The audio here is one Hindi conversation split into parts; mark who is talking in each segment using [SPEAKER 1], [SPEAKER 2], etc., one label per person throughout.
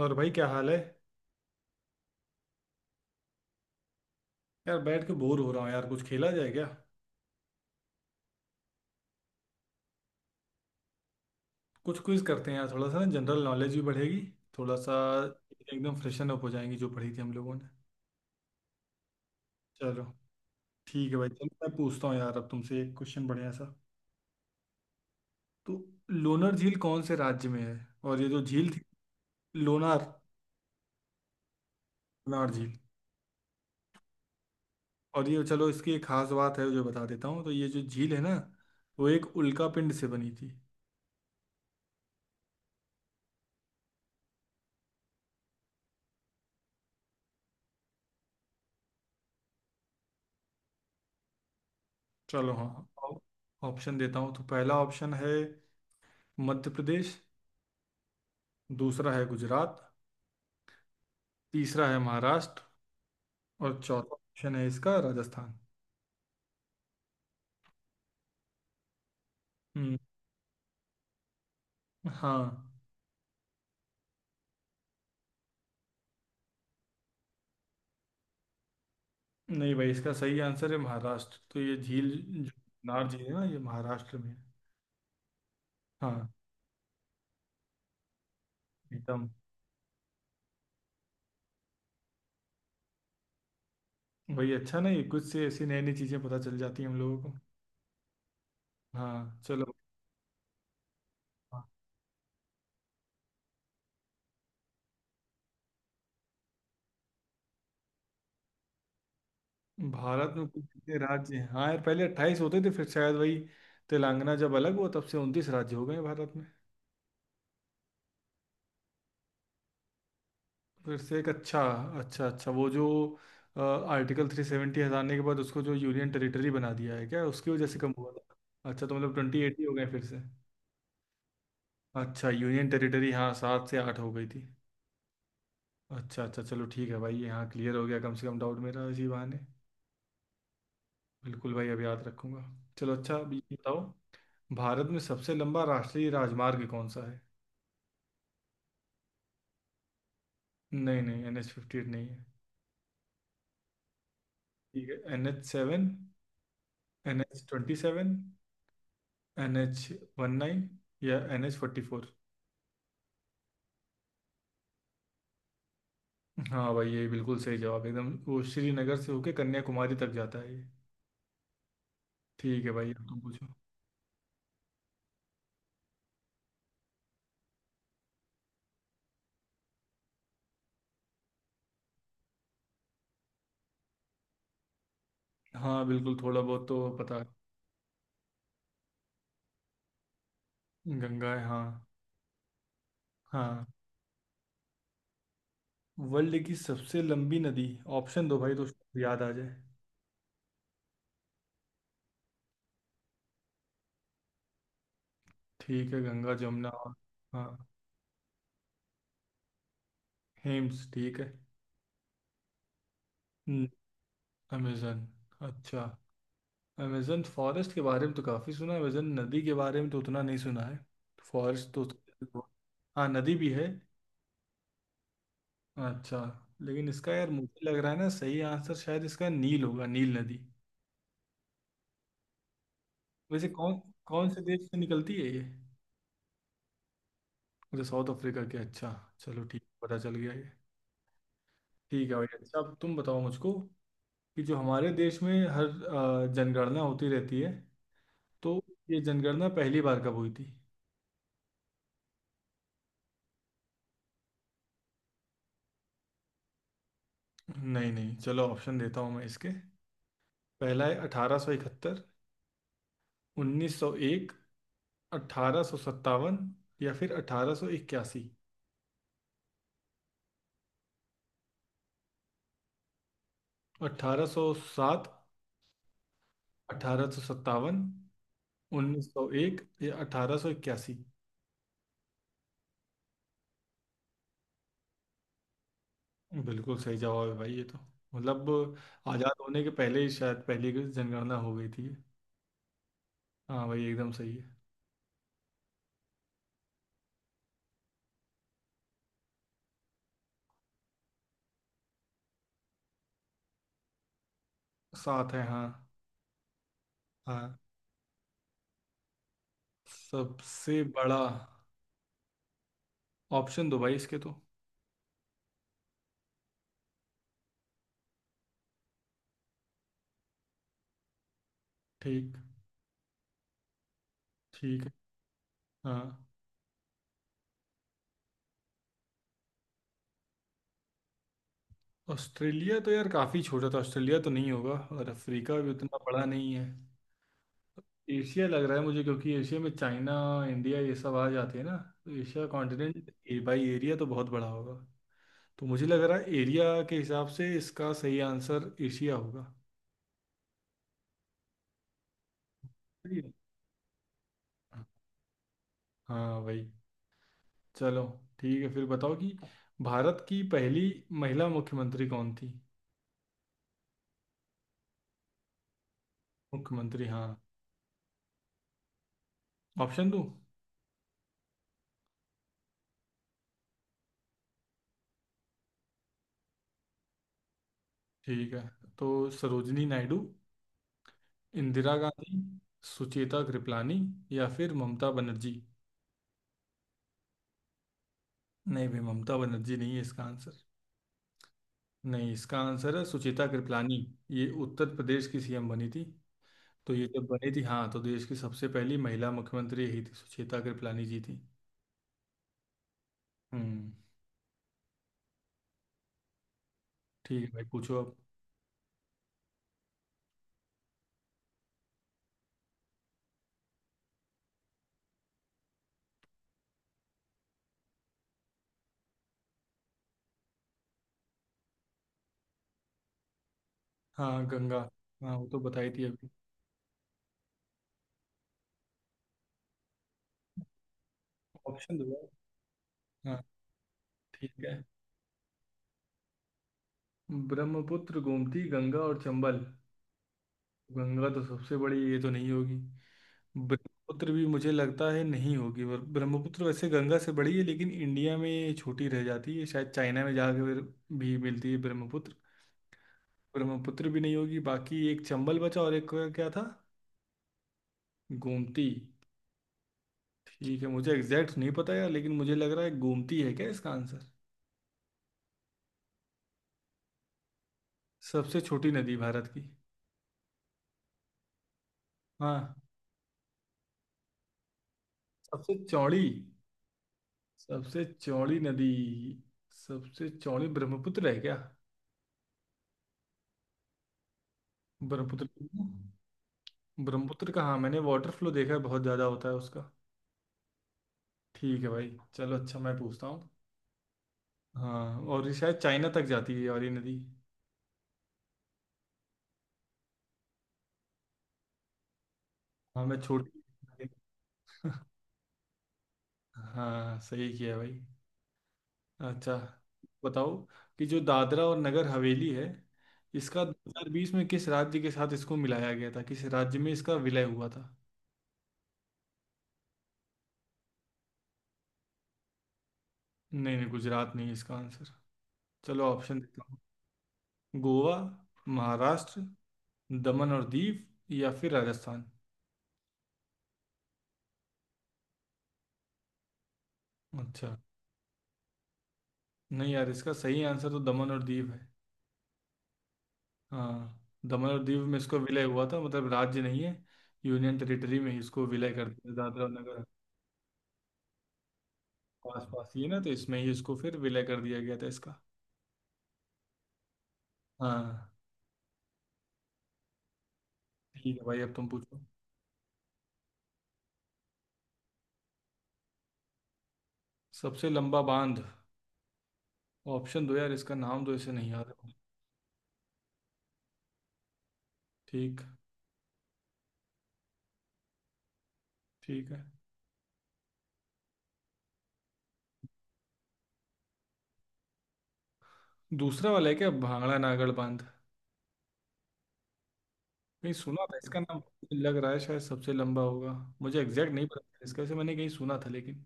[SPEAKER 1] और भाई क्या हाल है। यार बैठ के बोर हो रहा हूँ यार, कुछ खेला जाए क्या? कुछ क्विज करते हैं यार, थोड़ा सा ना जनरल नॉलेज भी बढ़ेगी। थोड़ा सा एकदम फ्रेशन अप हो जाएंगी जो पढ़ी थी हम लोगों ने। चलो ठीक है भाई, चलो मैं पूछता हूँ यार, अब तुमसे एक क्वेश्चन बढ़िया सा। तो लोनार झील कौन से राज्य में है? और ये जो झील थी, लोनार, लोनार झील। और ये चलो इसकी एक खास बात है जो बता देता हूँ, तो ये जो झील है ना, वो एक उल्का पिंड से बनी थी। चलो हाँ। हाँ। ऑप्शन देता हूँ तो पहला ऑप्शन है मध्य प्रदेश, दूसरा है गुजरात, तीसरा है महाराष्ट्र और चौथा ऑप्शन है इसका राजस्थान। हम्म, हाँ। नहीं भाई, इसका सही आंसर है महाराष्ट्र, तो ये झील जो नार झील है ना ये महाराष्ट्र में है। हाँ एकदम। भाई अच्छा नहीं, कुछ से ऐसी नई नई चीजें पता चल जाती हैं हम लोगों को। हाँ चलो। हाँ, भारत में कुल कितने राज्य हैं? हाँ यार, पहले 28 होते थे, फिर शायद वही तेलंगाना जब अलग हुआ तब से 29 राज्य हो गए हैं भारत में। फिर से एक अच्छा, अच्छा अच्छा वो जो आर्टिकल 370 हटाने के बाद उसको जो यूनियन टेरिटरी बना दिया है, क्या उसकी वजह से कम हुआ था? अच्छा, तो मतलब 28 हो गए फिर से। अच्छा, यूनियन टेरिटरी हाँ 7 से 8 हो गई थी। अच्छा अच्छा, चलो ठीक है भाई ये, हाँ क्लियर हो गया कम से कम डाउट मेरा इसी बहाने। बिल्कुल भाई, अब याद रखूंगा। चलो अच्छा, अब ये बताओ भारत में सबसे लंबा राष्ट्रीय राजमार्ग कौन सा है? नहीं नहीं, NH 58 नहीं है। ठीक है, NH 7, NH 27, NH 19 या NH 44। हाँ भाई ये बिल्कुल सही जवाब, एकदम वो श्रीनगर से होके कन्याकुमारी तक जाता है ये। ठीक है भाई, अब तुम पूछो। हाँ बिल्कुल, थोड़ा बहुत तो पता है। गंगा है हाँ। हाँ। वर्ल्ड की सबसे लंबी नदी, ऑप्शन दो भाई तो शायद याद आ जाए। ठीक है, गंगा जमुना और हाँ हेम्स ठीक है। हम्म, अमेजन, अच्छा। अमेजन फॉरेस्ट के बारे में तो काफ़ी सुना है, अमेजन नदी के बारे में तो उतना नहीं सुना है। फॉरेस्ट तो, हाँ नदी भी है। अच्छा, लेकिन इसका यार मुझे लग रहा है ना, सही आंसर शायद इसका नील होगा, नील नदी। वैसे कौन, कौन से देश से निकलती है ये? अच्छा साउथ अफ्रीका के, अच्छा चलो ठीक, पता चल गया ये। ठीक है भाई, अच्छा अब तुम बताओ मुझको कि जो हमारे देश में हर जनगणना होती रहती है, तो ये जनगणना पहली बार कब हुई थी? नहीं नहीं, चलो ऑप्शन देता हूँ मैं इसके। पहला है 1871, 1901, 1857 या फिर 1881। 1807, 1857, 1901 या 1881। बिल्कुल सही जवाब है भाई ये तो। मतलब आज़ाद होने के पहले ही शायद पहली की जनगणना हो गई थी। हाँ भाई एकदम सही है। साथ है हाँ। हाँ। सबसे बड़ा, ऑप्शन दो भाई इसके तो। ठीक, ठीक है, हाँ। ऑस्ट्रेलिया तो यार काफ़ी छोटा था, ऑस्ट्रेलिया तो नहीं होगा, और अफ्रीका भी उतना बड़ा नहीं है। एशिया लग रहा है मुझे, क्योंकि एशिया में चाइना, इंडिया ये सब आ जाते हैं ना, तो Asia continent a by area तो बहुत बड़ा होगा। तो मुझे लग रहा है एरिया के हिसाब से इसका सही आंसर एशिया होगा। सही है। हाँ भाई, चलो ठीक है फिर, बताओ कि भारत की पहली महिला मुख्यमंत्री कौन थी? मुख्यमंत्री हाँ। ऑप्शन दो। ठीक है तो, सरोजनी नायडू, इंदिरा गांधी, सुचेता कृपलानी या फिर ममता बनर्जी। नहीं भाई, ममता बनर्जी नहीं है इसका आंसर। नहीं, इसका आंसर है सुचिता कृपलानी। ये उत्तर प्रदेश की सीएम बनी थी, तो ये जब बनी थी हाँ, तो देश की सबसे पहली महिला मुख्यमंत्री यही थी, सुचिता कृपलानी जी थी। हम्म। ठीक है भाई, पूछो अब। हाँ गंगा। हाँ वो तो बताई थी अभी। ऑप्शन दो यार। हाँ ठीक है। ब्रह्मपुत्र, गोमती, गंगा और चंबल। गंगा तो सबसे बड़ी, ये तो नहीं होगी। ब्रह्मपुत्र भी मुझे लगता है नहीं होगी, और ब्रह्मपुत्र वैसे गंगा से बड़ी है लेकिन इंडिया में ये छोटी रह जाती है, शायद चाइना में जाकर फिर भी मिलती है ब्रह्मपुत्र। ब्रह्मपुत्र भी नहीं होगी, बाकी एक चंबल बचा और एक, क्या था? गोमती। ठीक है, मुझे एग्जैक्ट नहीं पता यार लेकिन मुझे लग रहा है गोमती है क्या इसका आंसर? सबसे छोटी नदी भारत की। हाँ। सबसे चौड़ी, सबसे चौड़ी नदी। सबसे चौड़ी ब्रह्मपुत्र है क्या? ब्रह्मपुत्र। ब्रह्मपुत्र का हाँ मैंने वाटर फ्लो देखा है, बहुत ज़्यादा होता है उसका। ठीक है भाई चलो, अच्छा मैं पूछता हूँ। हाँ, और ये शायद चाइना तक जाती है और ये नदी। हाँ मैं छोटी। हाँ सही किया भाई। अच्छा बताओ कि जो दादरा और नगर हवेली है, इसका 2020 में किस राज्य के साथ इसको मिलाया गया था, किस राज्य में इसका विलय हुआ था? नहीं नहीं, गुजरात नहीं है इसका आंसर। चलो ऑप्शन देता हूँ, गोवा, महाराष्ट्र, दमन और दीव, या फिर राजस्थान। अच्छा, नहीं यार, इसका सही आंसर तो दमन और दीव है। हाँ, दमन और दीव में इसको विलय हुआ था, मतलब राज्य नहीं है, यूनियन टेरिटरी में ही इसको विलय कर दिया दादरा और नगर। पास पास ही है ना, तो इसमें ही इसको फिर विलय कर दिया गया था इसका। हाँ। ठीक है भाई, अब तुम पूछो। सबसे लंबा बांध, ऑप्शन दो यार, इसका नाम तो इसे नहीं याद है। ठीक, ठीक है। दूसरा वाला है क्या भांगड़ा नागड़ बांध? कहीं सुना था इसका नाम। लग रहा है शायद सबसे लंबा होगा। मुझे एग्जैक्ट नहीं पता इसका, से मैंने कहीं सुना था लेकिन।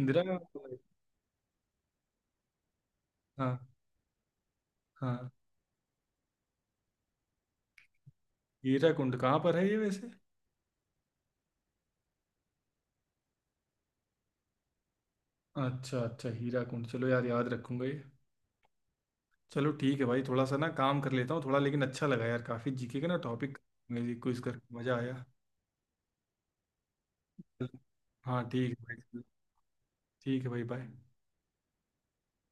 [SPEAKER 1] इंदिरा गांधी- हाँ। हाँ। हीरा कुंड कहाँ पर है ये वैसे? अच्छा अच्छा, हीरा कुंड, चलो यार याद रखूंगा ये। चलो ठीक है भाई, थोड़ा सा ना काम कर लेता हूँ थोड़ा, लेकिन अच्छा लगा यार, काफी जीके का ना टॉपिक क्विज करके मजा आया। हाँ ठीक है भाई। ठीक है भाई, बाय।